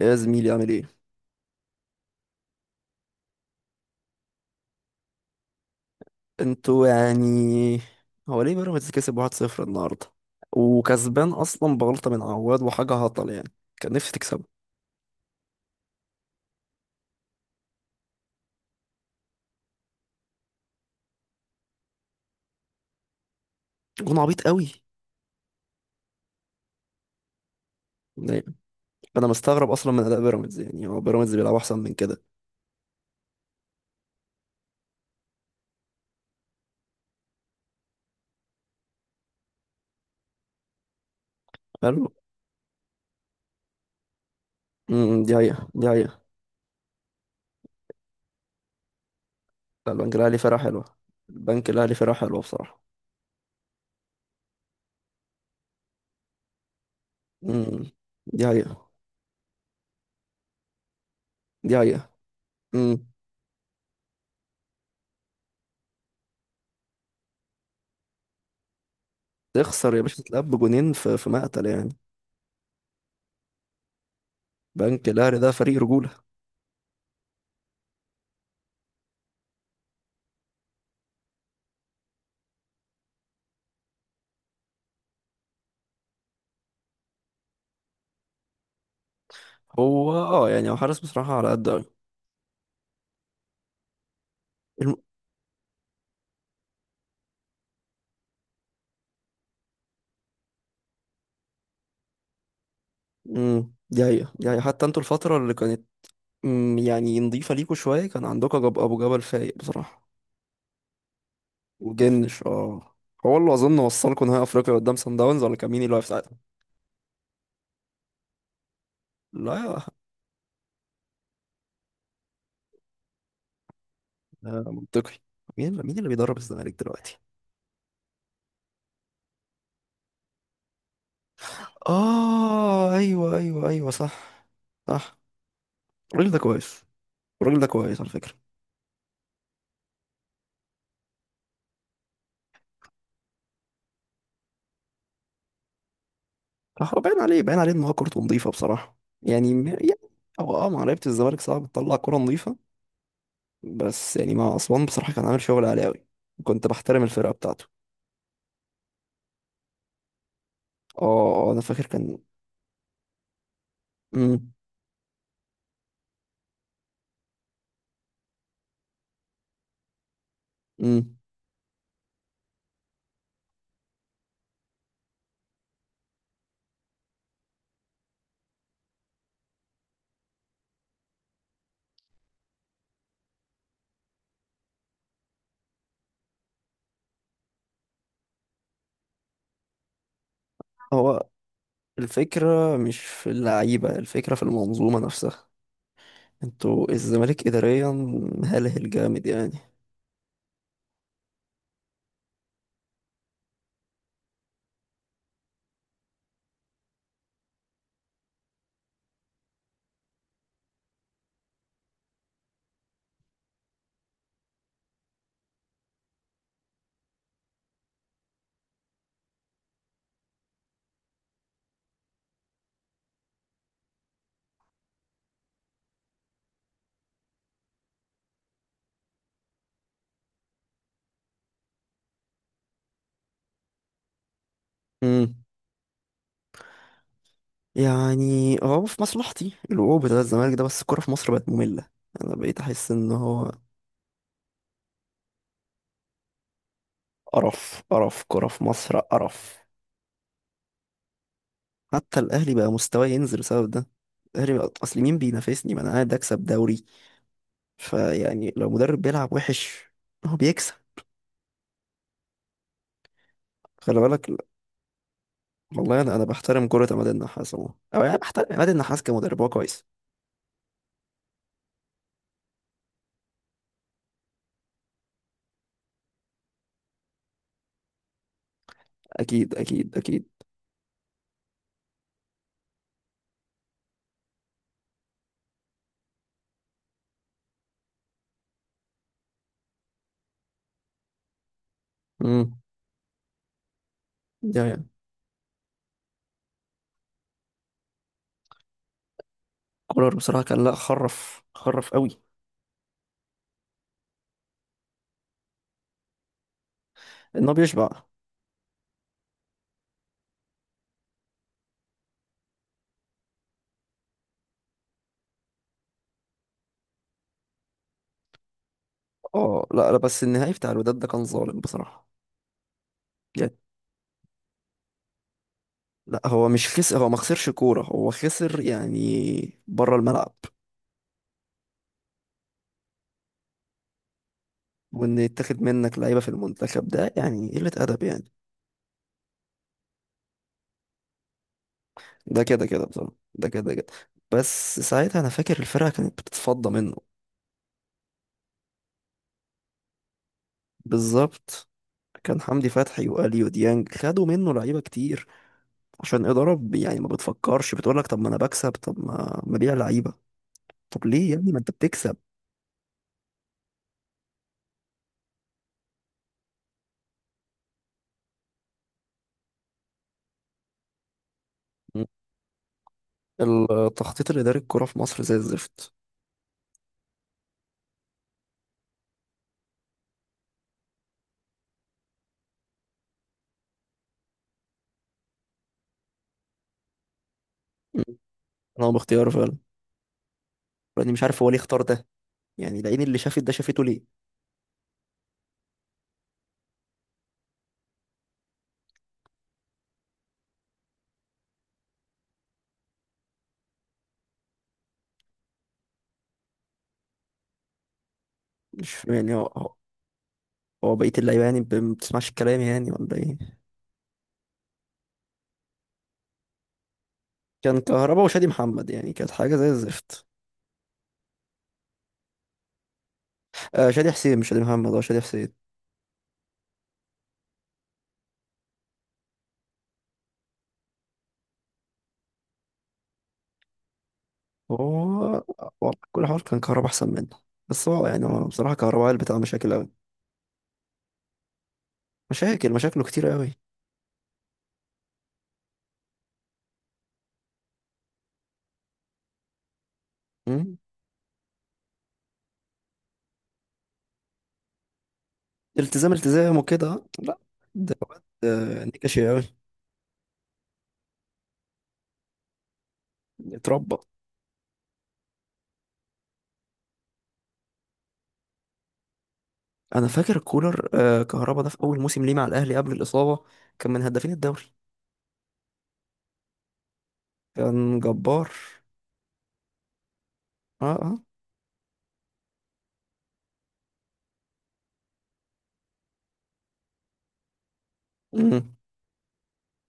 يا زميلي، عامل ايه؟ انتوا يعني. هو ليه بيراميدز كسب 1-0 النهارده، وكسبان اصلا بغلطه من عواد وحاجه هطل يعني. كان نفسي تكسبه. جون عبيط قوي. يعني انا مستغرب اصلا من اداء بيراميدز، يعني هو بيراميدز بيلعب احسن من كده. حلو. دي حقيقه، دي حقيقه. لا، البنك الاهلي فرقه حلوه. البنك الاهلي فرقه حلوه بصراحه. امم دي حقيقه، دي حقيقه. امم تخسر يا باشا، تتلعب بجونين في مقتل يعني. بنك الاهلي ده فريق رجوله. هو يعني هو حارس بصراحه على قد قوي. دي حقيقة. يعني حتى انتوا الفترة اللي كانت يعني نضيفة ليكوا شوية، كان عندكوا جب أبو جبل فايق بصراحة. وجنش اه. هو اللي أظن وصلكوا نهائي أفريقيا قدام سان داونز، ولا كان مين اللي واقف ساعتها؟ لا يا- ده منطقي. مين اللي بيدرب الزمالك دلوقتي؟ اه، ايوه ايوه ايوه، صح. صح. الراجل ده كويس. الراجل ده كويس على فكرة. صح. هو باين عليه إن هو كورته نضيفة بصراحة يعني يعني. هو مع لعيبة الزمالك صعب تطلع كورة نضيفة. بس يعني مع أسوان بصراحة كان عامل شغل عالي أوي. كنت بحترم الفرقة بتاعته. اه. أنا فاكر كان. مم. مم. هو الفكرة مش في اللعيبة، الفكرة في المنظومة نفسها. انتوا الزمالك إداريا هلهل جامد يعني. مم. يعني هو في مصلحتي الوقوع بتاع الزمالك ده، بس الكورة في مصر بقت مملة. أنا بقيت أحس إن هو قرف، قرف، كورة في مصر قرف. حتى الأهلي بقى مستواه ينزل بسبب ده. الأهلي بقى أصل مين بينافسني؟ ما أنا قاعد أكسب دوري. فيعني لو مدرب بيلعب وحش هو بيكسب. خلي بالك ال- والله انا بحترم كرة عماد النحاس عموما، او يعني بحترم عماد النحاس كمدرب، هو كويس. اكيد اكيد اكيد. امم ده يعني. كولر بصراحة كان، لا، خرف، خرف قوي. ان هو بيشبع. اه، لا لا، بس النهائي بتاع الوداد ده كان ظالم بصراحة. يعني لا، هو مش خسر، هو ما خسرش كورة، هو خسر يعني بره الملعب. وان يتاخد منك لعيبة في المنتخب ده يعني قلة ادب يعني. ده كده كده بصراحة، ده كده كده. بس ساعتها انا فاكر الفرقة كانت بتتفضى منه. بالظبط. كان حمدي فتحي واليو ديانج خدوا منه لعيبة كتير. عشان إدارة يعني ما بتفكرش، بتقول لك طب ما انا بكسب، طب ما ما بيع لعيبة. طب ليه يا ابني؟ ما انت بتكسب. م. التخطيط الإداري، الكرة في مصر زي الزفت. م. انا باختياره فعلا. لاني مش عارف هو ليه اختار ده، يعني لقيني اللي شافت ده شافته ليه. مش يعني هو هو هو بقية اللعيبة، يعني ما بتسمعش الكلام يعني ولا ايه؟ كان كهربا وشادي محمد، يعني كانت حاجة زي الزفت. آه، شادي حسين، مش شادي محمد، هو شادي حسين. هو والله كل حوار كان كهربا احسن منه. بس هو يعني هو بصراحه كهربا قلبت على مشاكل قوي. مشاكل، مشاكله كتير قوي. مم. التزام، التزام وكده، لا. ده واد نكشي قوي. اتربى. انا فاكر كولر، كهربا ده في اول موسم ليه مع الاهلي قبل الاصابه كان من هدافين الدوري. كان جبار. اه اه. مم.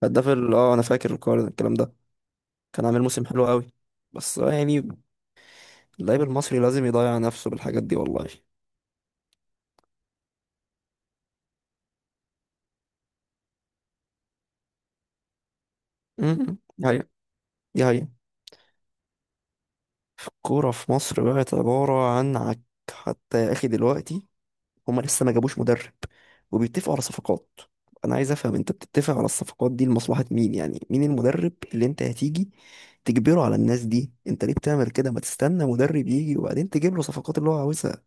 هداف ال- اه انا فاكر الكلام ده، كان عامل موسم حلو قوي. بس يعني اللعيب المصري لازم يضيع نفسه بالحاجات دي والله. دي حقيقة، دي حقيقة. الكورة في مصر بقت عبارة عن عك. حتى يا أخي دلوقتي هما لسه ما جابوش مدرب وبيتفقوا على صفقات. أنا عايز أفهم، أنت بتتفق على الصفقات دي لمصلحة مين؟ يعني مين المدرب اللي أنت هتيجي تجبره على الناس دي؟ أنت ليه بتعمل كده؟ ما تستنى مدرب يجي وبعدين تجيب له صفقات اللي هو عاوزها،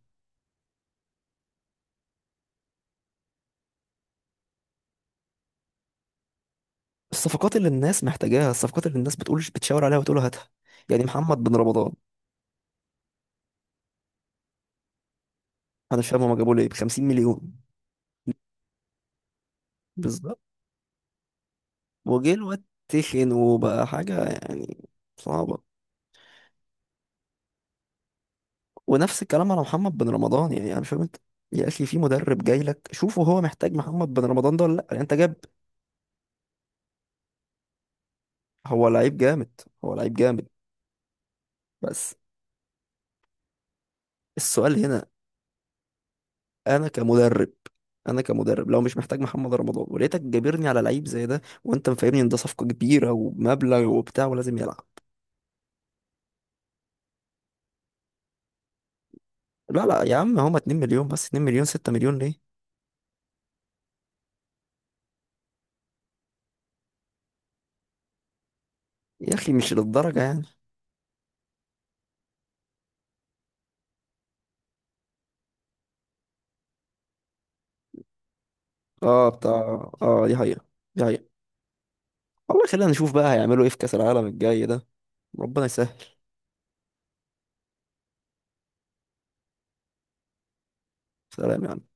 الصفقات اللي الناس محتاجاها، الصفقات اللي الناس بتقولش بتشاور عليها وتقول هاتها. يعني محمد بن رمضان، أنا مش فاهم هما جابوه ليه ب 50 مليون؟ بالظبط. وجه الواد تخن وبقى حاجة يعني صعبة. ونفس الكلام على محمد بن رمضان، يعني أنا مش فاهم أنت. يا أخي في مدرب جاي لك، شوفه هو محتاج محمد بن رمضان ده ولا لأ، يعني أنت جاب. هو لعيب جامد، هو لعيب جامد، بس السؤال هنا: أنا كمدرب، أنا كمدرب لو مش محتاج محمد رمضان ولقيتك جابرني على لعيب زي ده، وأنت مفهمني إن ده صفقة كبيرة ومبلغ وبتاع ولازم يلعب. لا لا يا عم، هما 2 مليون بس، 2 مليون، 6 مليون ليه؟ يا أخي مش للدرجة يعني. اه، بتاع. اه، دي حقيقة. دي حقيقة. والله خلينا نشوف بقى هيعملوا ايه في كأس العالم الجاي ده. ربنا يسهل. سلام يا عم.